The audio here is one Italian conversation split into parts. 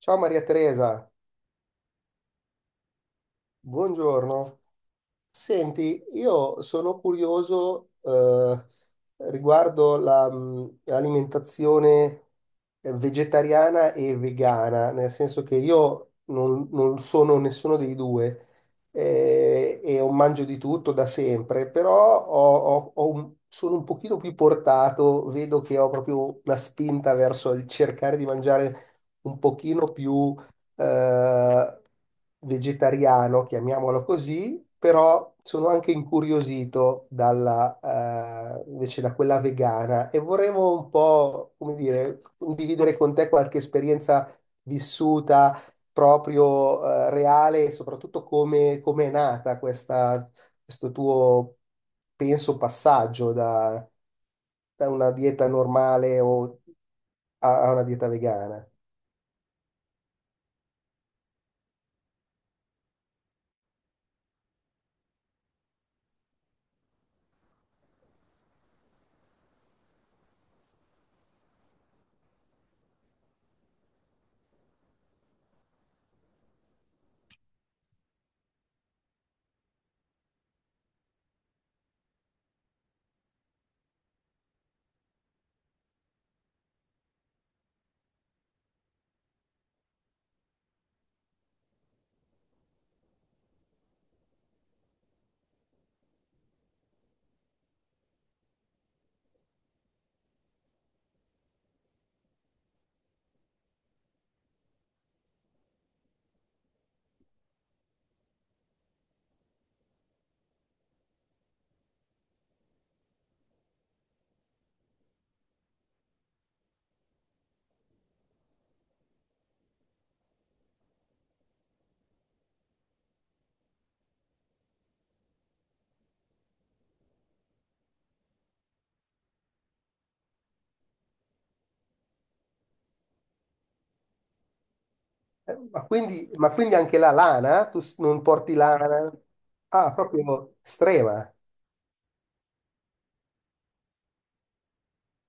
Ciao Maria Teresa, buongiorno. Senti, io sono curioso riguardo la, l'alimentazione vegetariana e vegana, nel senso che io non sono nessuno dei due e ho mangio di tutto da sempre, però sono un pochino più portato, vedo che ho proprio una spinta verso il cercare di mangiare un pochino più eh, vegetariano, chiamiamolo così, però sono anche incuriosito dalla, invece da quella vegana e vorremmo un po', come dire, condividere con te qualche esperienza vissuta proprio, reale e soprattutto come, come è nata questa, questo tuo, penso, passaggio da una dieta normale o a una dieta vegana. Ma quindi, anche la lana? Tu non porti lana? Ah, proprio strema.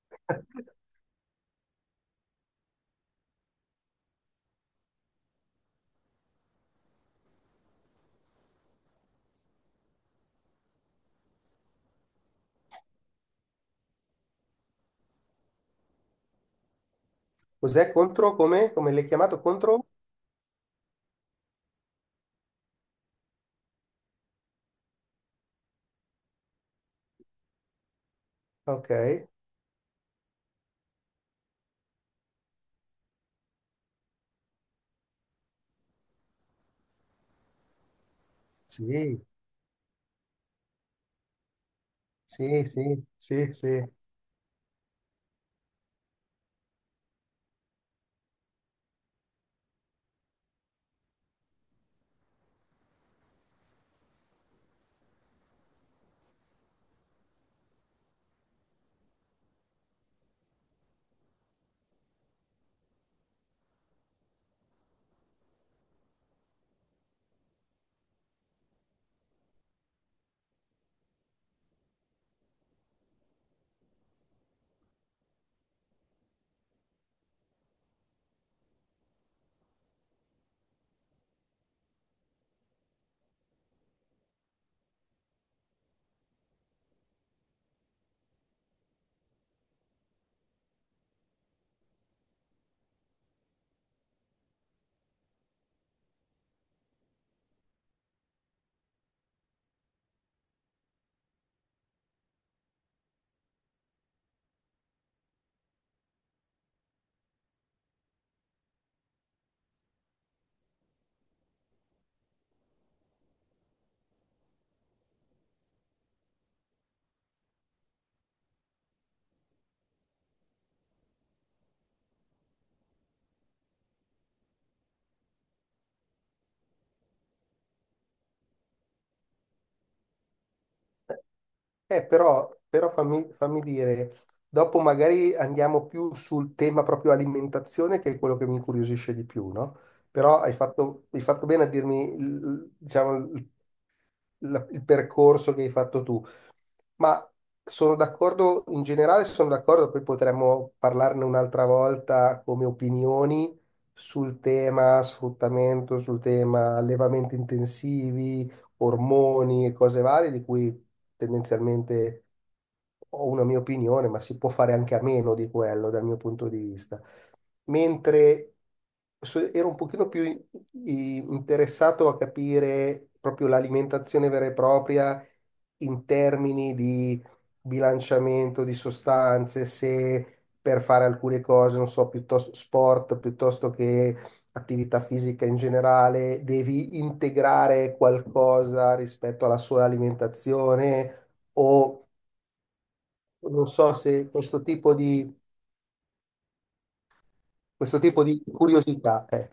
Cos'è contro? Come? Come l'hai chiamato contro? Ok, sì, sì, sì, sì, sì. Però fammi dire, dopo magari andiamo più sul tema proprio alimentazione, che è quello che mi incuriosisce di più, no? Però hai fatto bene a dirmi, diciamo, il percorso che hai fatto tu. Ma sono d'accordo, in generale sono d'accordo, poi potremmo parlarne un'altra volta come opinioni sul tema sfruttamento, sul tema allevamenti intensivi, ormoni e cose varie, di cui tendenzialmente ho una mia opinione, ma si può fare anche a meno di quello dal mio punto di vista mentre ero un pochino più interessato a capire proprio l'alimentazione vera e propria in termini di bilanciamento di sostanze, se per fare alcune cose, non so, piuttosto sport, piuttosto che attività fisica in generale, devi integrare qualcosa rispetto alla sua alimentazione o non so se questo tipo di curiosità.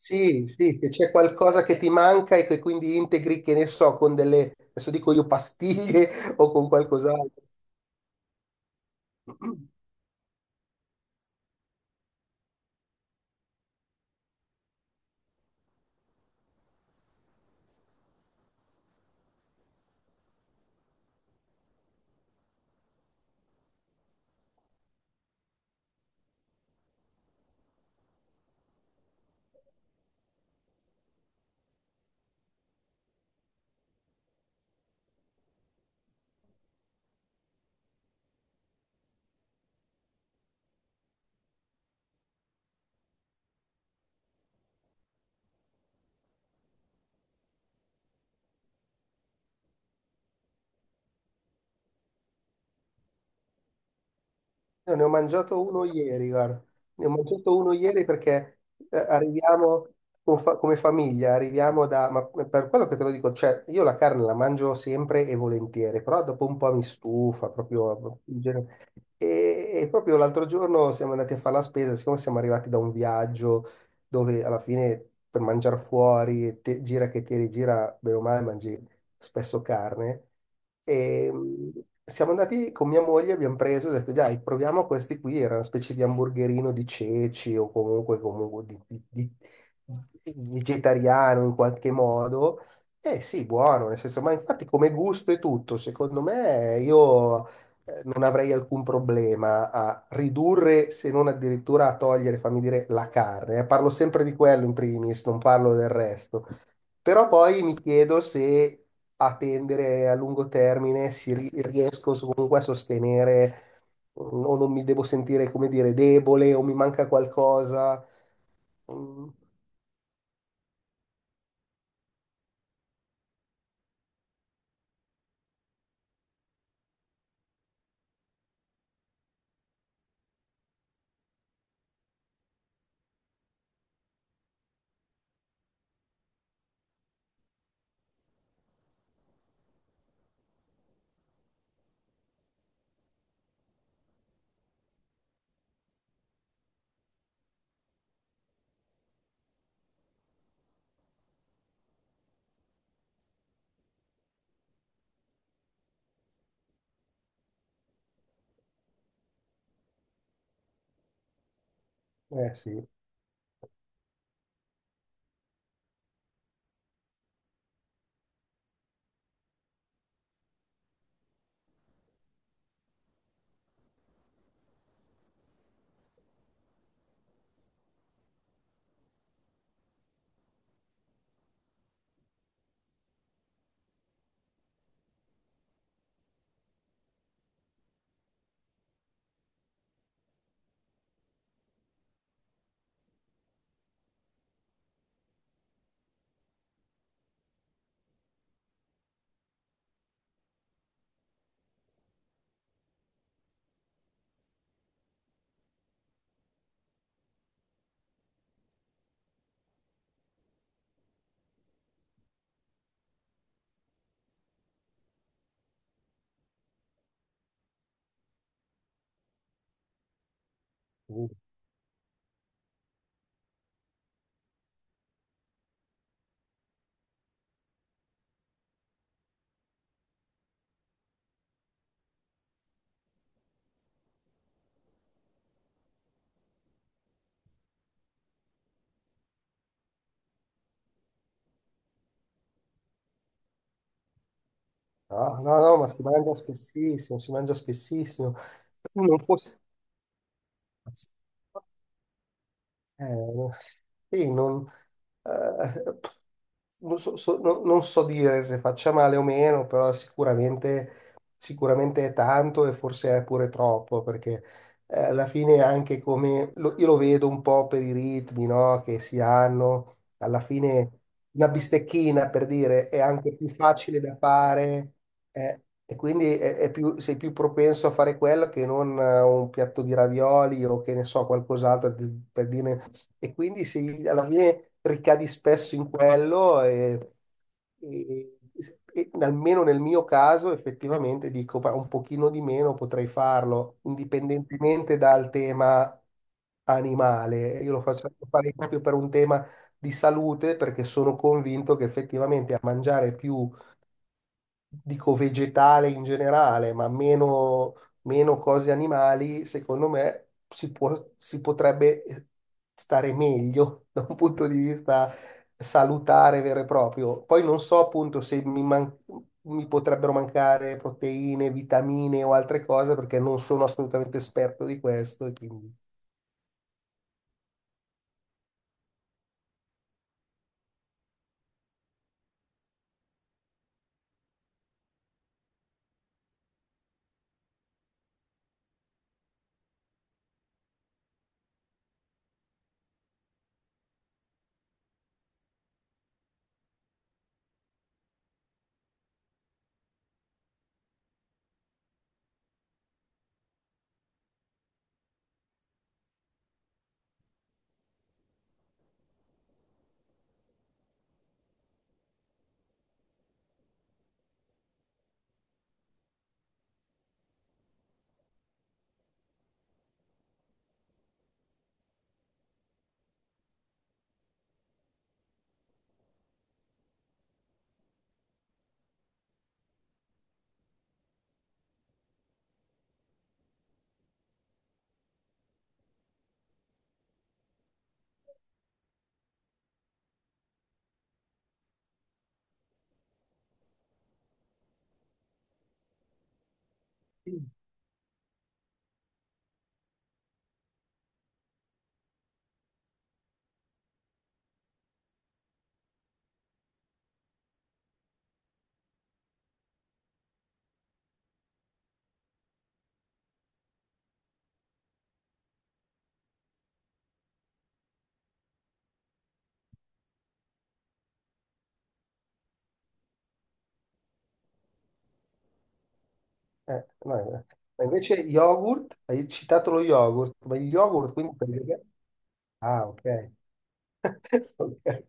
Sì, sì, che c'è qualcosa che ti manca e che quindi integri, che ne so, con delle, adesso dico io, pastiglie o con qualcos'altro. Io ne ho mangiato uno ieri, guarda. Ne ho mangiato uno ieri perché arriviamo con come famiglia, arriviamo da. Ma per quello che te lo dico, cioè, io la carne la mangio sempre e volentieri, però dopo un po' mi stufa, proprio in genere. E proprio l'altro giorno siamo andati a fare la spesa, siccome siamo arrivati da un viaggio dove alla fine per mangiare fuori, gira che ti rigira, bene o male mangi spesso carne. E siamo andati con mia moglie, abbiamo preso e ho detto, dai, proviamo questi qui, era una specie di hamburgerino di ceci o comunque vegetariano in qualche modo. Eh sì, buono, nel senso, ma infatti come gusto e tutto, secondo me io non avrei alcun problema a ridurre, se non addirittura a togliere, fammi dire, la carne. Parlo sempre di quello in primis, non parlo del resto. Però poi mi chiedo se a tendere a lungo termine si riesco comunque a sostenere o non mi devo sentire, come dire, debole o mi manca qualcosa. Mm. Eh sì. Mm. No, no, no, ma si mangia spessissimo, si mangia spessissimo. Tu non fosse. Eh, sì, eh, non so dire se faccia male o meno, però sicuramente è tanto e forse è pure troppo, perché alla fine anche come io lo vedo un po' per i ritmi, no, che si hanno, alla fine una bistecchina per dire è anche più facile da fare e quindi sei più propenso a fare quello che non un piatto di ravioli o che ne so, qualcos'altro per dire e quindi si, alla fine ricadi spesso in quello e, e- e almeno nel mio caso effettivamente dico "Ma un pochino di meno potrei farlo, indipendentemente dal tema animale." Io lo faccio fare proprio per un tema di salute perché sono convinto che effettivamente a mangiare più dico vegetale in generale, ma meno cose animali, secondo me si potrebbe stare meglio da un punto di vista salutare vero e proprio. Poi non so appunto se mi potrebbero mancare proteine, vitamine o altre cose, perché non sono assolutamente esperto di questo. E quindi, no. Ma invece yogurt, hai citato lo yogurt, ma il yogurt quindi per i vegani- Ah, ok. Ok.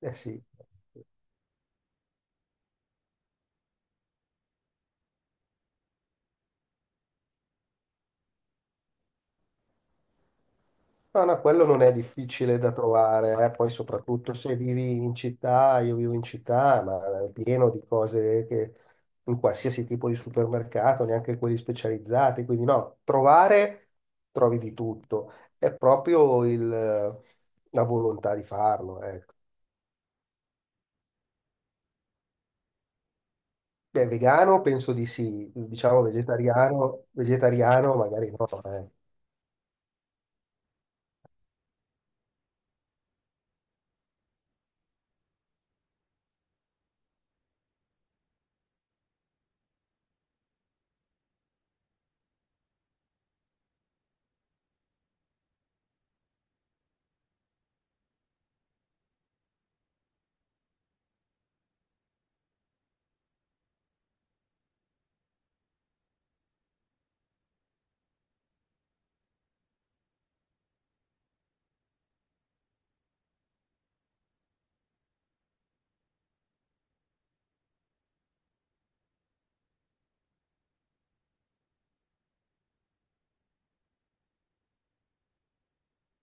Eh sì. No, no, quello non è difficile da trovare, eh. Poi soprattutto se vivi in città, io vivo in città, ma è pieno di cose che in qualsiasi tipo di supermercato, neanche quelli specializzati, quindi no, trovare trovi di tutto, è proprio la volontà di farlo, ecco. Beh, vegano penso di sì, diciamo vegetariano, vegetariano magari no, eh.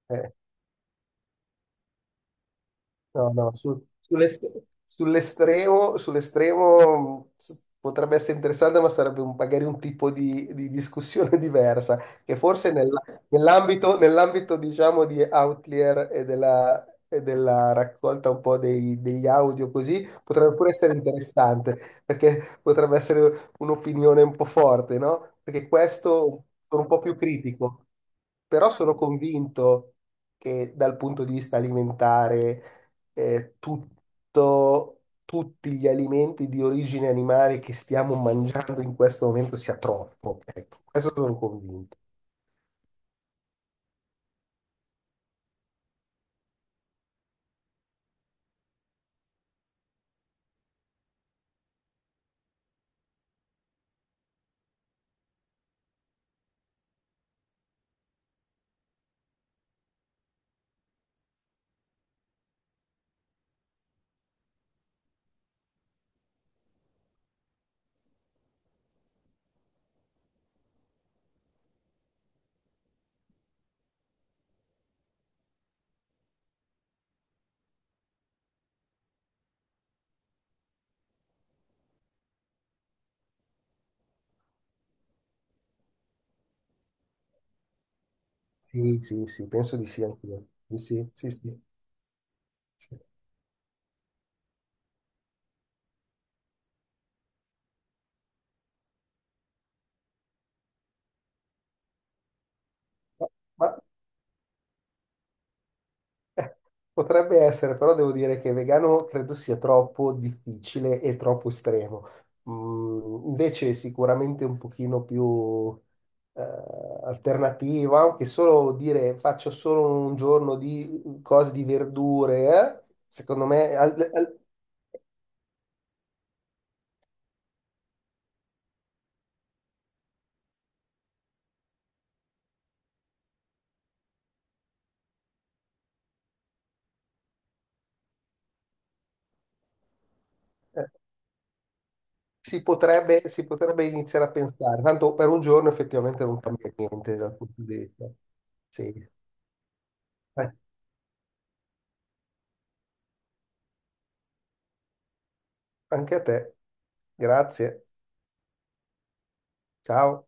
eh. No, no, sull'estremo, potrebbe essere interessante, ma sarebbe magari un tipo di discussione diversa, che forse nell'ambito, diciamo, di Outlier e della raccolta un po' degli audio così, potrebbe pure essere interessante, perché potrebbe essere un'opinione un po' forte, no? Perché questo sono un po' più critico, però sono convinto che dal punto di vista alimentare tutti gli alimenti di origine animale che stiamo mangiando in questo momento sia troppo. Ecco, questo sono convinto. Sì, sì, sì, penso di sì anch'io. Di Sì, sì, sì. Sì. Ma, Eh, Potrebbe essere, però devo dire che vegano credo sia troppo difficile e troppo estremo. Invece sicuramente un pochino più eh, alternativo, anche solo dire faccio solo un giorno di cose di verdure, secondo me eh, si potrebbe iniziare a pensare. Tanto per un giorno effettivamente non cambia niente dal punto di vista. Sì. Eh, Anche a te. Grazie. Ciao.